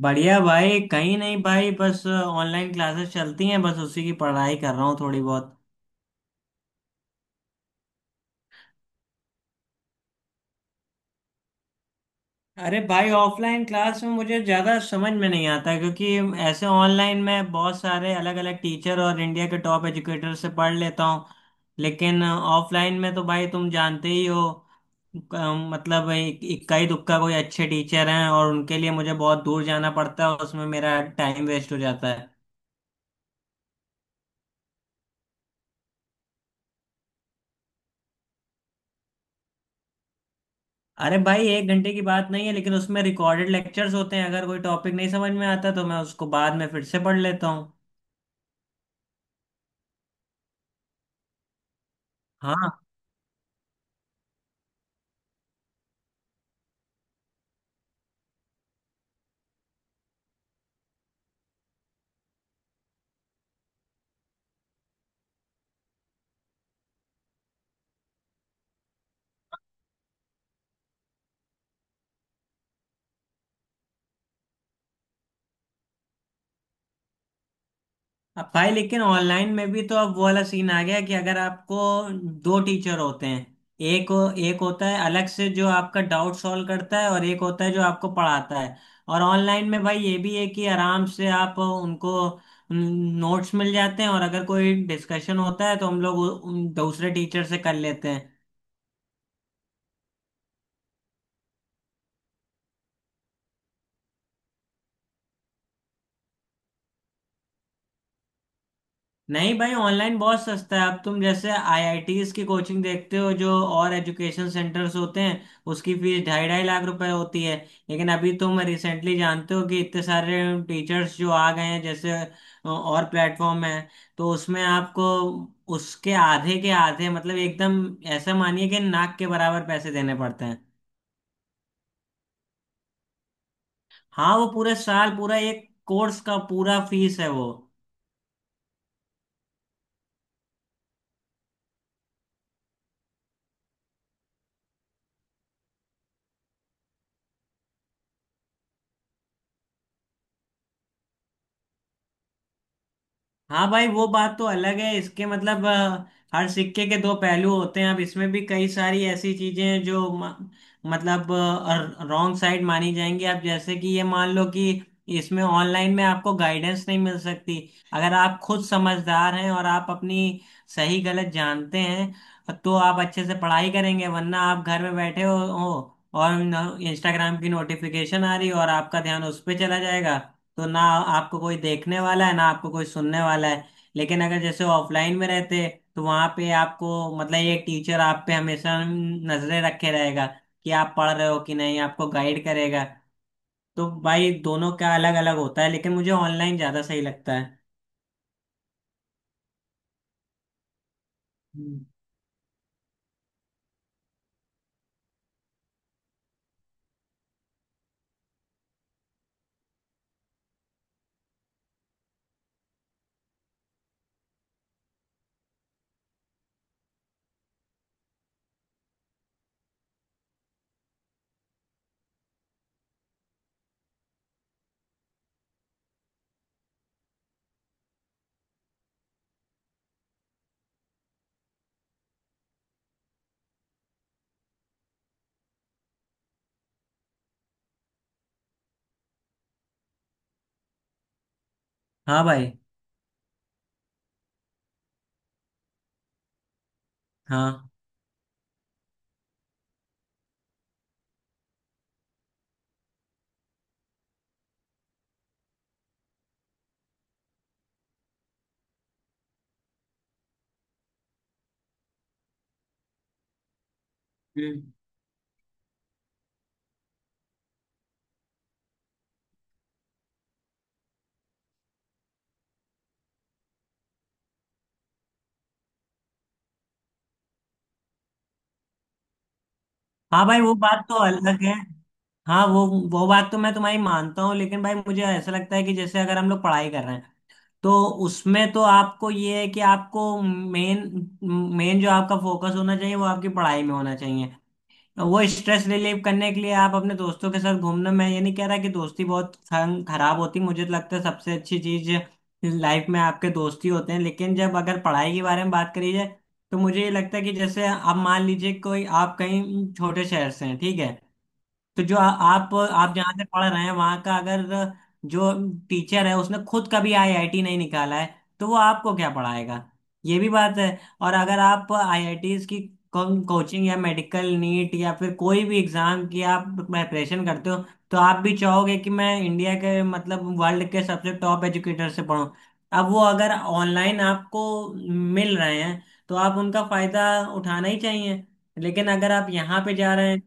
बढ़िया भाई। कहीं नहीं भाई, बस ऑनलाइन क्लासेस चलती हैं, बस उसी की पढ़ाई कर रहा हूँ थोड़ी बहुत। अरे भाई, ऑफलाइन क्लास में मुझे ज़्यादा समझ में नहीं आता क्योंकि ऐसे ऑनलाइन में बहुत सारे अलग अलग टीचर और इंडिया के टॉप एजुकेटर से पढ़ लेता हूँ। लेकिन ऑफलाइन में तो भाई तुम जानते ही हो। मतलब इक्का ही दुक्का कोई अच्छे टीचर हैं, और उनके लिए मुझे बहुत दूर जाना पड़ता है, उसमें मेरा टाइम वेस्ट हो जाता है। अरे भाई, 1 घंटे की बात नहीं है, लेकिन उसमें रिकॉर्डेड लेक्चर्स होते हैं, अगर कोई टॉपिक नहीं समझ में आता तो मैं उसको बाद में फिर से पढ़ लेता हूँ। हाँ। अब भाई, लेकिन ऑनलाइन में भी तो अब वो वाला सीन आ गया है कि अगर आपको दो टीचर होते हैं। एक एक होता है अलग से जो आपका डाउट सॉल्व करता है, और एक होता है जो आपको पढ़ाता है। और ऑनलाइन में भाई ये भी है कि आराम से आप उनको नोट्स मिल जाते हैं, और अगर कोई डिस्कशन होता है तो हम लोग उन दूसरे टीचर से कर लेते हैं। नहीं भाई, ऑनलाइन बहुत सस्ता है। अब तुम जैसे आईआईटीज की कोचिंग देखते हो जो और एजुकेशन सेंटर्स होते हैं, उसकी फीस ढाई ढाई लाख रुपए होती है। लेकिन अभी तुम रिसेंटली जानते हो कि इतने सारे टीचर्स जो आ गए हैं, जैसे और प्लेटफॉर्म है, तो उसमें आपको उसके आधे के आधे, मतलब एकदम ऐसा मानिए कि नाक के बराबर पैसे देने पड़ते हैं। हाँ, वो पूरे साल, पूरा एक कोर्स का पूरा फीस है वो। हाँ भाई, वो बात तो अलग है। इसके मतलब हर सिक्के के दो पहलू होते हैं। अब इसमें भी कई सारी ऐसी चीजें हैं जो मतलब रॉन्ग साइड मानी जाएंगी। अब जैसे कि ये मान लो कि इसमें ऑनलाइन में आपको गाइडेंस नहीं मिल सकती। अगर आप खुद समझदार हैं और आप अपनी सही गलत जानते हैं तो आप अच्छे से पढ़ाई करेंगे, वरना आप घर में बैठे हो और इंस्टाग्राम की नोटिफिकेशन आ रही और आपका ध्यान उस पर चला जाएगा। तो ना आपको कोई देखने वाला है ना आपको कोई सुनने वाला है। लेकिन अगर जैसे ऑफलाइन में रहते तो वहां पे आपको मतलब ये टीचर आप पे हमेशा नजरें रखे रहेगा कि आप पढ़ रहे हो कि नहीं, आपको गाइड करेगा। तो भाई दोनों का अलग अलग होता है, लेकिन मुझे ऑनलाइन ज्यादा सही लगता है। हम्म, हाँ भाई। हाँ। हम्म। हाँ भाई, वो बात तो अलग है। हाँ वो, बात तो मैं तुम्हारी मानता हूँ, लेकिन भाई मुझे ऐसा लगता है कि जैसे अगर हम लोग पढ़ाई कर रहे हैं तो उसमें तो आपको ये है कि आपको मेन मेन जो आपका फोकस होना चाहिए वो आपकी पढ़ाई में होना चाहिए। वो स्ट्रेस रिलीव करने के लिए आप अपने दोस्तों के साथ घूमना, मैं ये नहीं कह रहा कि दोस्ती बहुत खराब होती, मुझे तो लगता है सबसे अच्छी चीज लाइफ में आपके दोस्त ही होते हैं। लेकिन जब अगर पढ़ाई के बारे में बात करी जाए तो मुझे ये लगता है कि जैसे आप मान लीजिए कोई आप कहीं छोटे शहर से हैं, ठीक है, तो जो आप जहाँ से पढ़ रहे हैं वहाँ का अगर जो टीचर है उसने खुद कभी आईआईटी नहीं निकाला है तो वो आपको क्या पढ़ाएगा? ये भी बात है। और अगर आप आईआईटीज की कोचिंग या मेडिकल नीट या फिर कोई भी एग्जाम की आप प्रिपरेशन करते हो तो आप भी चाहोगे कि मैं इंडिया के मतलब वर्ल्ड के सबसे टॉप एजुकेटर से पढूं। अब वो अगर ऑनलाइन आपको मिल रहे हैं तो आप उनका फायदा उठाना ही चाहिए। लेकिन अगर आप यहाँ पे जा रहे हैं।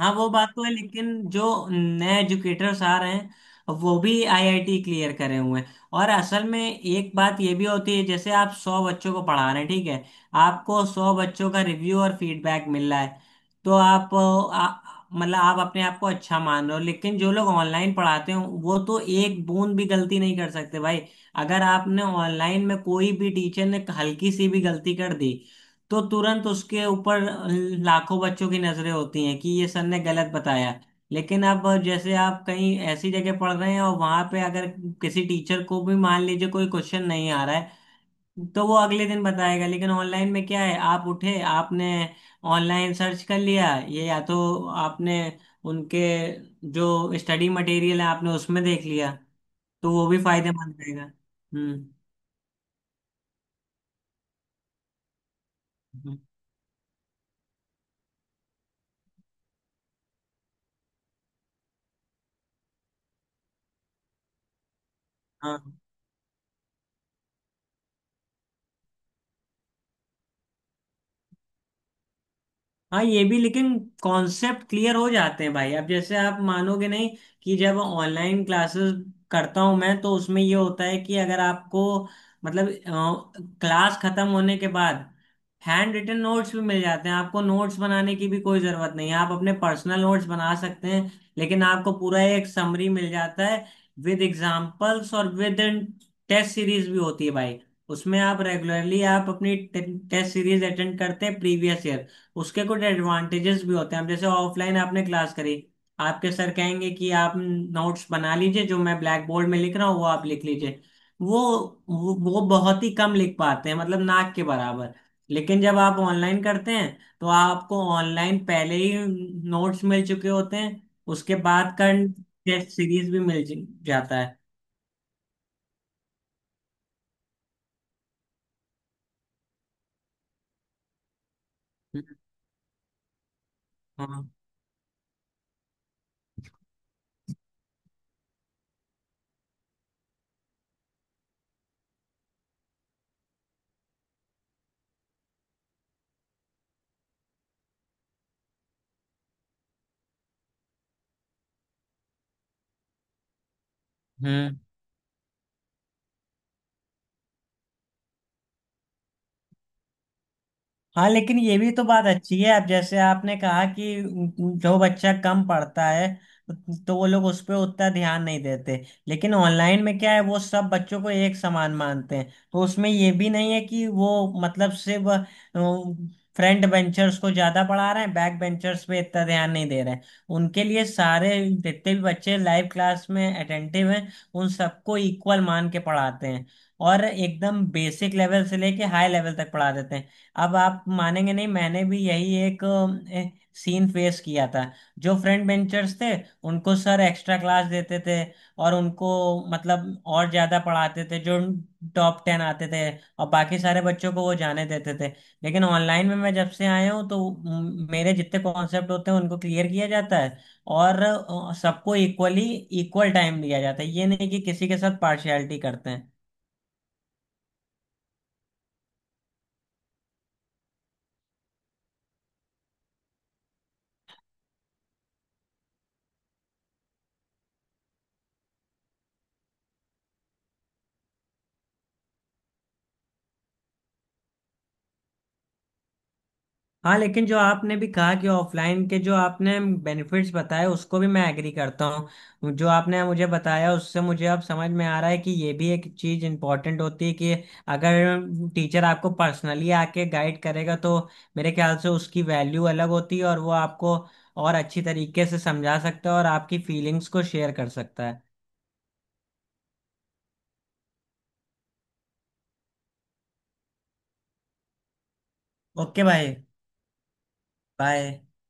हाँ, वो बात तो है, लेकिन जो नए एजुकेटर्स आ रहे हैं वो भी आईआईटी क्लियर करे हुए हैं, और असल में एक बात ये भी होती है, जैसे आप 100 बच्चों को पढ़ा रहे हैं ठीक है, आपको 100 बच्चों का रिव्यू और फीडबैक मिल रहा है तो आप मतलब आप अपने आप को अच्छा मान रहे हो, लेकिन जो लोग ऑनलाइन पढ़ाते हो वो तो एक बूंद भी गलती नहीं कर सकते भाई। अगर आपने ऑनलाइन में कोई भी टीचर ने हल्की सी भी गलती कर दी तो तुरंत उसके ऊपर लाखों बच्चों की नजरें होती हैं कि ये सर ने गलत बताया। लेकिन अब जैसे आप कहीं ऐसी जगह पढ़ रहे हैं और वहां पे अगर किसी टीचर को भी मान लीजिए कोई क्वेश्चन नहीं आ रहा है तो वो अगले दिन बताएगा, लेकिन ऑनलाइन में क्या है, आप उठे, आपने ऑनलाइन सर्च कर लिया, ये या तो आपने उनके जो स्टडी मटेरियल है आपने उसमें देख लिया, तो वो भी फायदेमंद रहेगा। हम्म। हम्म, हाँ। हाँ, ये भी, लेकिन कॉन्सेप्ट क्लियर हो जाते हैं भाई। अब जैसे आप मानोगे नहीं कि जब ऑनलाइन क्लासेस करता हूँ मैं, तो उसमें ये होता है कि अगर आपको मतलब क्लास खत्म होने के बाद हैंड रिटन नोट्स भी मिल जाते हैं, आपको नोट्स बनाने की भी कोई ज़रूरत नहीं है, आप अपने पर्सनल नोट्स बना सकते हैं। लेकिन आपको पूरा एक समरी मिल जाता है विद एग्जाम्पल्स, और विद टेस्ट सीरीज भी होती है भाई। उसमें आप रेगुलरली आप अपनी टेस्ट सीरीज अटेंड करते हैं प्रीवियस ईयर, उसके कुछ एडवांटेजेस भी होते हैं। अब जैसे ऑफलाइन आपने क्लास करी, आपके सर कहेंगे कि आप नोट्स बना लीजिए जो मैं ब्लैक बोर्ड में लिख रहा हूँ वो आप लिख लीजिए, वो वो बहुत ही कम लिख पाते हैं मतलब नाक के बराबर। लेकिन जब आप ऑनलाइन करते हैं तो आपको ऑनलाइन पहले ही नोट्स मिल चुके होते हैं, उसके बाद का टेस्ट सीरीज भी मिल जाता है। हाँ। हम्म। हाँ लेकिन ये भी तो बात अच्छी है। अब जैसे आपने कहा कि जो बच्चा कम पढ़ता है तो वो लोग उस पर उतना ध्यान नहीं देते, लेकिन ऑनलाइन में क्या है, वो सब बच्चों को एक समान मानते हैं, तो उसमें ये भी नहीं है कि वो मतलब सिर्फ फ्रंट बेंचर्स को ज्यादा पढ़ा रहे हैं बैक बेंचर्स पे इतना ध्यान नहीं दे रहे हैं। उनके लिए सारे जितने भी बच्चे लाइव क्लास में अटेंटिव हैं उन सबको इक्वल मान के पढ़ाते हैं, और एकदम बेसिक लेवल से लेके हाई लेवल तक पढ़ा देते हैं। अब आप मानेंगे नहीं, मैंने भी यही एक सीन फेस किया था, जो फ्रंट बेंचर्स थे उनको सर एक्स्ट्रा क्लास देते थे, और उनको मतलब और ज्यादा पढ़ाते थे जो टॉप 10 आते थे, और बाकी सारे बच्चों को वो जाने देते थे। लेकिन ऑनलाइन में मैं जब से आया हूँ तो मेरे जितने कॉन्सेप्ट होते हैं उनको क्लियर किया जाता है, और सबको इक्वल टाइम दिया जाता है, ये नहीं कि किसी के साथ पार्शियलिटी करते हैं। हाँ, लेकिन जो आपने भी कहा कि ऑफलाइन के जो आपने बेनिफिट्स बताए उसको भी मैं एग्री करता हूँ, जो आपने मुझे बताया उससे मुझे अब समझ में आ रहा है कि ये भी एक चीज़ इम्पोर्टेंट होती है कि अगर टीचर आपको पर्सनली आके गाइड करेगा तो मेरे ख्याल से उसकी वैल्यू अलग होती है, और वो आपको और अच्छी तरीके से समझा सकता है और आपकी फीलिंग्स को शेयर कर सकता है। ओके भाई। बाय।